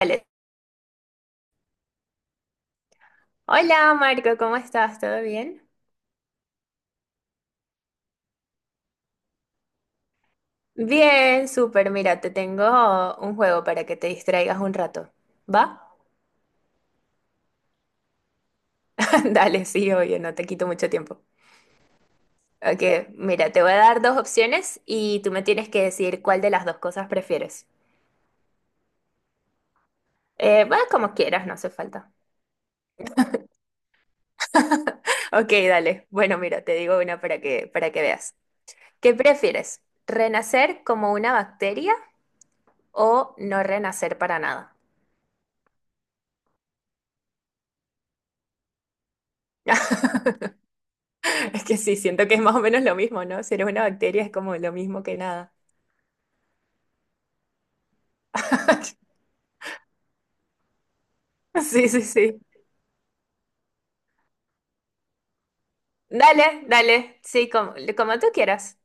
Alex. Hola Marco, ¿cómo estás? ¿Todo bien? Bien, súper. Mira, te tengo un juego para que te distraigas un rato. ¿Va? Dale, sí, oye, no te quito mucho tiempo. Ok, mira, te voy a dar dos opciones y tú me tienes que decir cuál de las dos cosas prefieres. Va como quieras, no hace falta. Ok, dale. Bueno, mira, te digo una para que veas. ¿Qué prefieres? ¿Renacer como una bacteria o no renacer para nada? Es que sí, siento que es más o menos lo mismo, ¿no? Si eres una bacteria es como lo mismo que nada. Sí, sí, sí. Dale, dale. Sí, como tú quieras.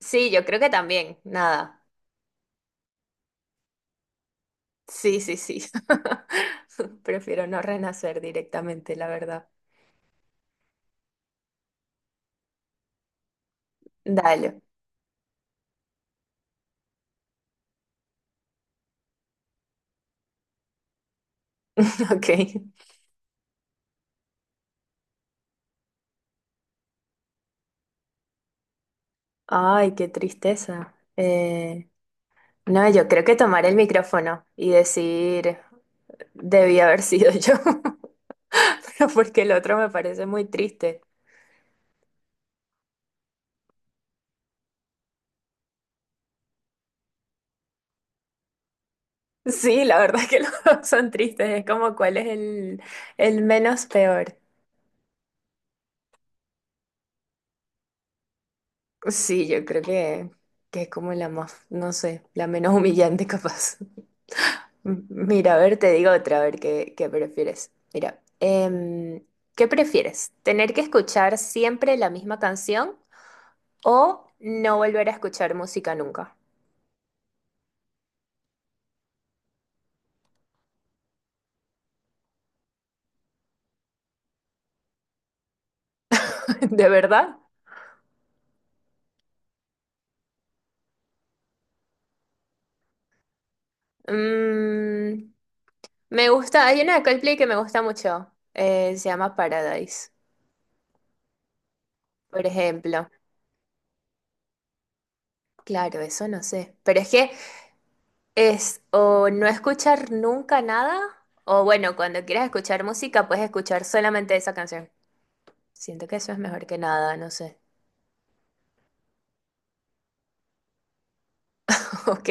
Sí, yo creo que también. Nada. Sí, sí, sí. Prefiero no renacer directamente, la verdad. Dale. Ok. Ay, qué tristeza. No, yo creo que tomar el micrófono y decir, debí haber sido yo, pero porque el otro me parece muy triste. Sí, la verdad es que los dos son tristes. Es como cuál es el menos peor. Sí, yo creo que es como la más, no sé, la menos humillante capaz. Mira, a ver, te digo otra, a ver qué prefieres. Mira, ¿qué prefieres? ¿Tener que escuchar siempre la misma canción o no volver a escuchar música nunca? ¿De verdad? Mm, Me gusta, hay una de Coldplay que me gusta mucho. Se llama Paradise, por ejemplo. Claro, eso no sé. Pero es que es o no escuchar nunca nada, o bueno, cuando quieras escuchar música, puedes escuchar solamente esa canción. Siento que eso es mejor que nada, no sé. Ok,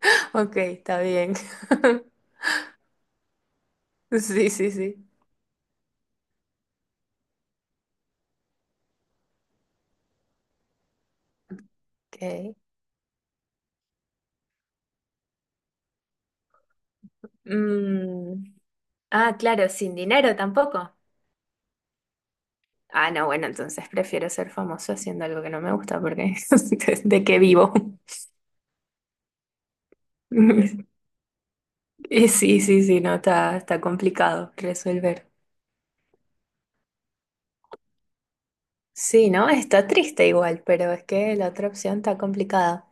ok, está bien. Sí, sí, sí. Ok. Mm. Ah, claro, sin dinero tampoco. Ah, no, bueno, entonces prefiero ser famoso haciendo algo que no me gusta porque ¿de qué vivo? Y sí, sí, sí, no, está, está complicado resolver. Sí, ¿no? Está triste igual, pero es que la otra opción está complicada.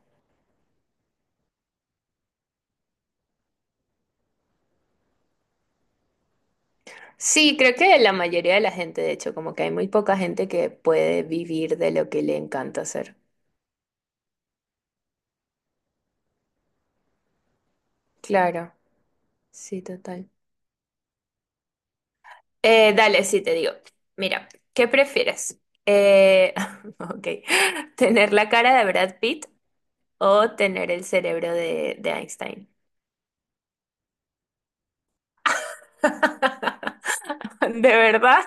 Sí, creo que la mayoría de la gente, de hecho, como que hay muy poca gente que puede vivir de lo que le encanta hacer. Claro, sí, total. Dale, sí, te digo. Mira, ¿qué prefieres? Eh, ok, ¿tener la cara de Brad Pitt o tener el cerebro de Einstein? De verdad,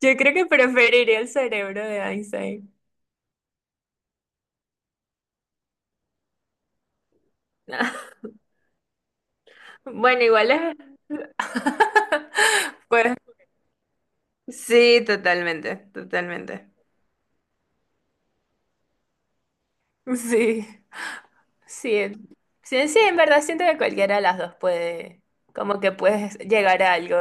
yo creo que preferiría el cerebro de Einstein. Bueno, igual es. Pues sí, totalmente, totalmente. Sí, sí, sí, sí, en verdad siento que cualquiera de las dos puede, como que puedes llegar a algo.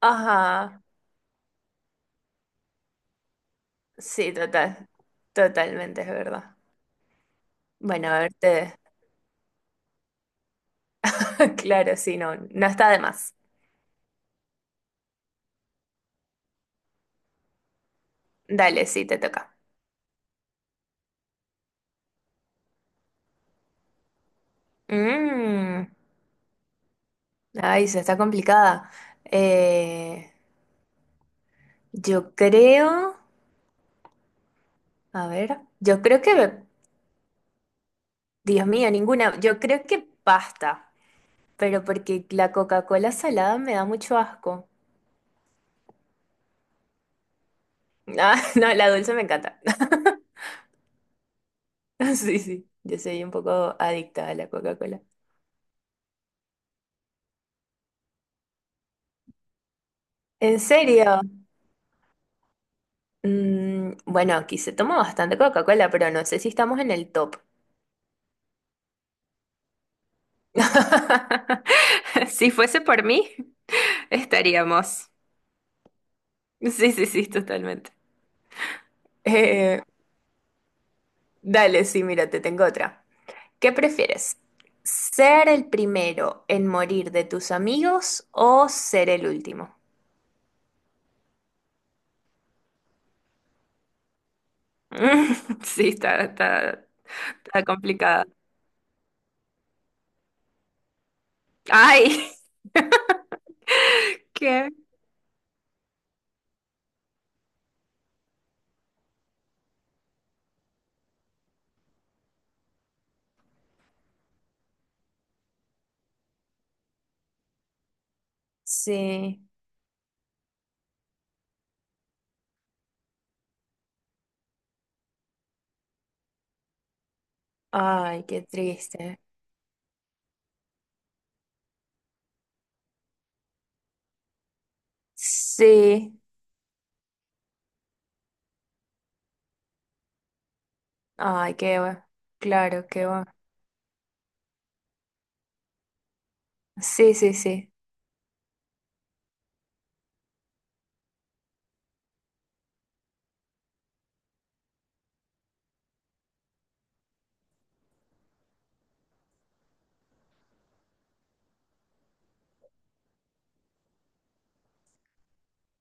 Ajá, sí, total, totalmente, es verdad. Bueno, a verte, claro, sí, no, no está de más. Dale, sí, te toca. Mm, ay, se está complicada. Eh, yo creo, a ver, yo creo que Dios mío, ninguna. Yo creo que pasta, pero porque la Coca-Cola salada me da mucho asco. Ah, no, la dulce me encanta. Sí, sí, yo soy un poco adicta a la Coca-Cola. ¿En serio? Bueno, aquí se toma bastante Coca-Cola, pero no sé si estamos en el top. Si fuese por mí, estaríamos. Sí, sí, sí, totalmente. Eh, Dale, sí, mira, te tengo otra. ¿Qué prefieres? ¿Ser el primero en morir de tus amigos o ser el último? Sí, está complicada. ¡Ay! ¿Qué? Sí. Ay, qué triste. Sí. Ay, qué va. Claro, qué va. Sí, sí, sí.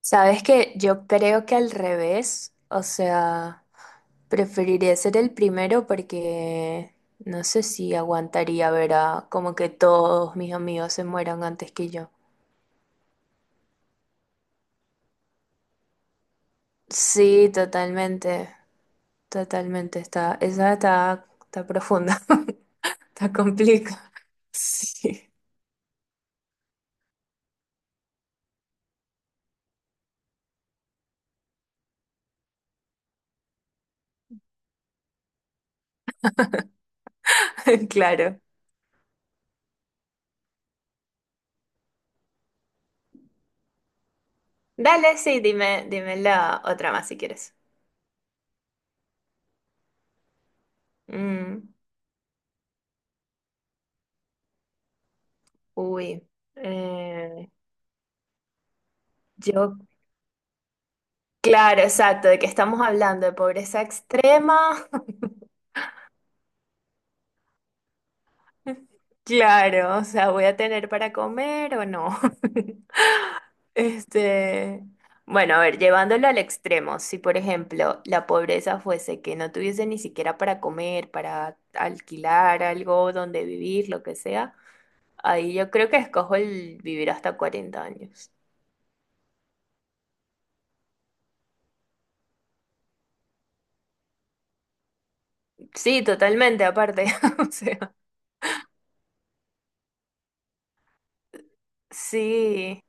Sabes que yo creo que al revés, o sea, preferiría ser el primero porque no sé si aguantaría ver a como que todos mis amigos se mueran antes que yo. Sí, totalmente, totalmente, está, esa está profunda, está complicada. Sí, claro. Dale, sí, dime la otra más si quieres. Mm, uy, eh, yo claro, exacto, de que estamos hablando de pobreza extrema. Claro, o sea, ¿voy a tener para comer o no? Este, bueno, a ver, llevándolo al extremo, si por ejemplo la pobreza fuese que no tuviese ni siquiera para comer, para alquilar algo donde vivir, lo que sea, ahí yo creo que escojo el vivir hasta 40 años. Sí, totalmente, aparte, o sea, sí,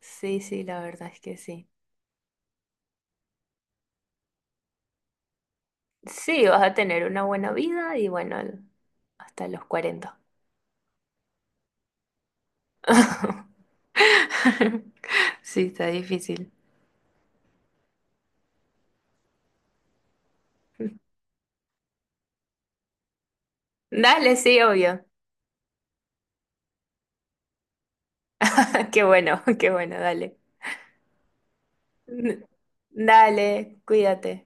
sí, sí, la verdad es que sí. Sí, vas a tener una buena vida y bueno, hasta los cuarenta. Sí, está difícil. Dale, sí, obvio. Qué bueno, dale. Dale, cuídate.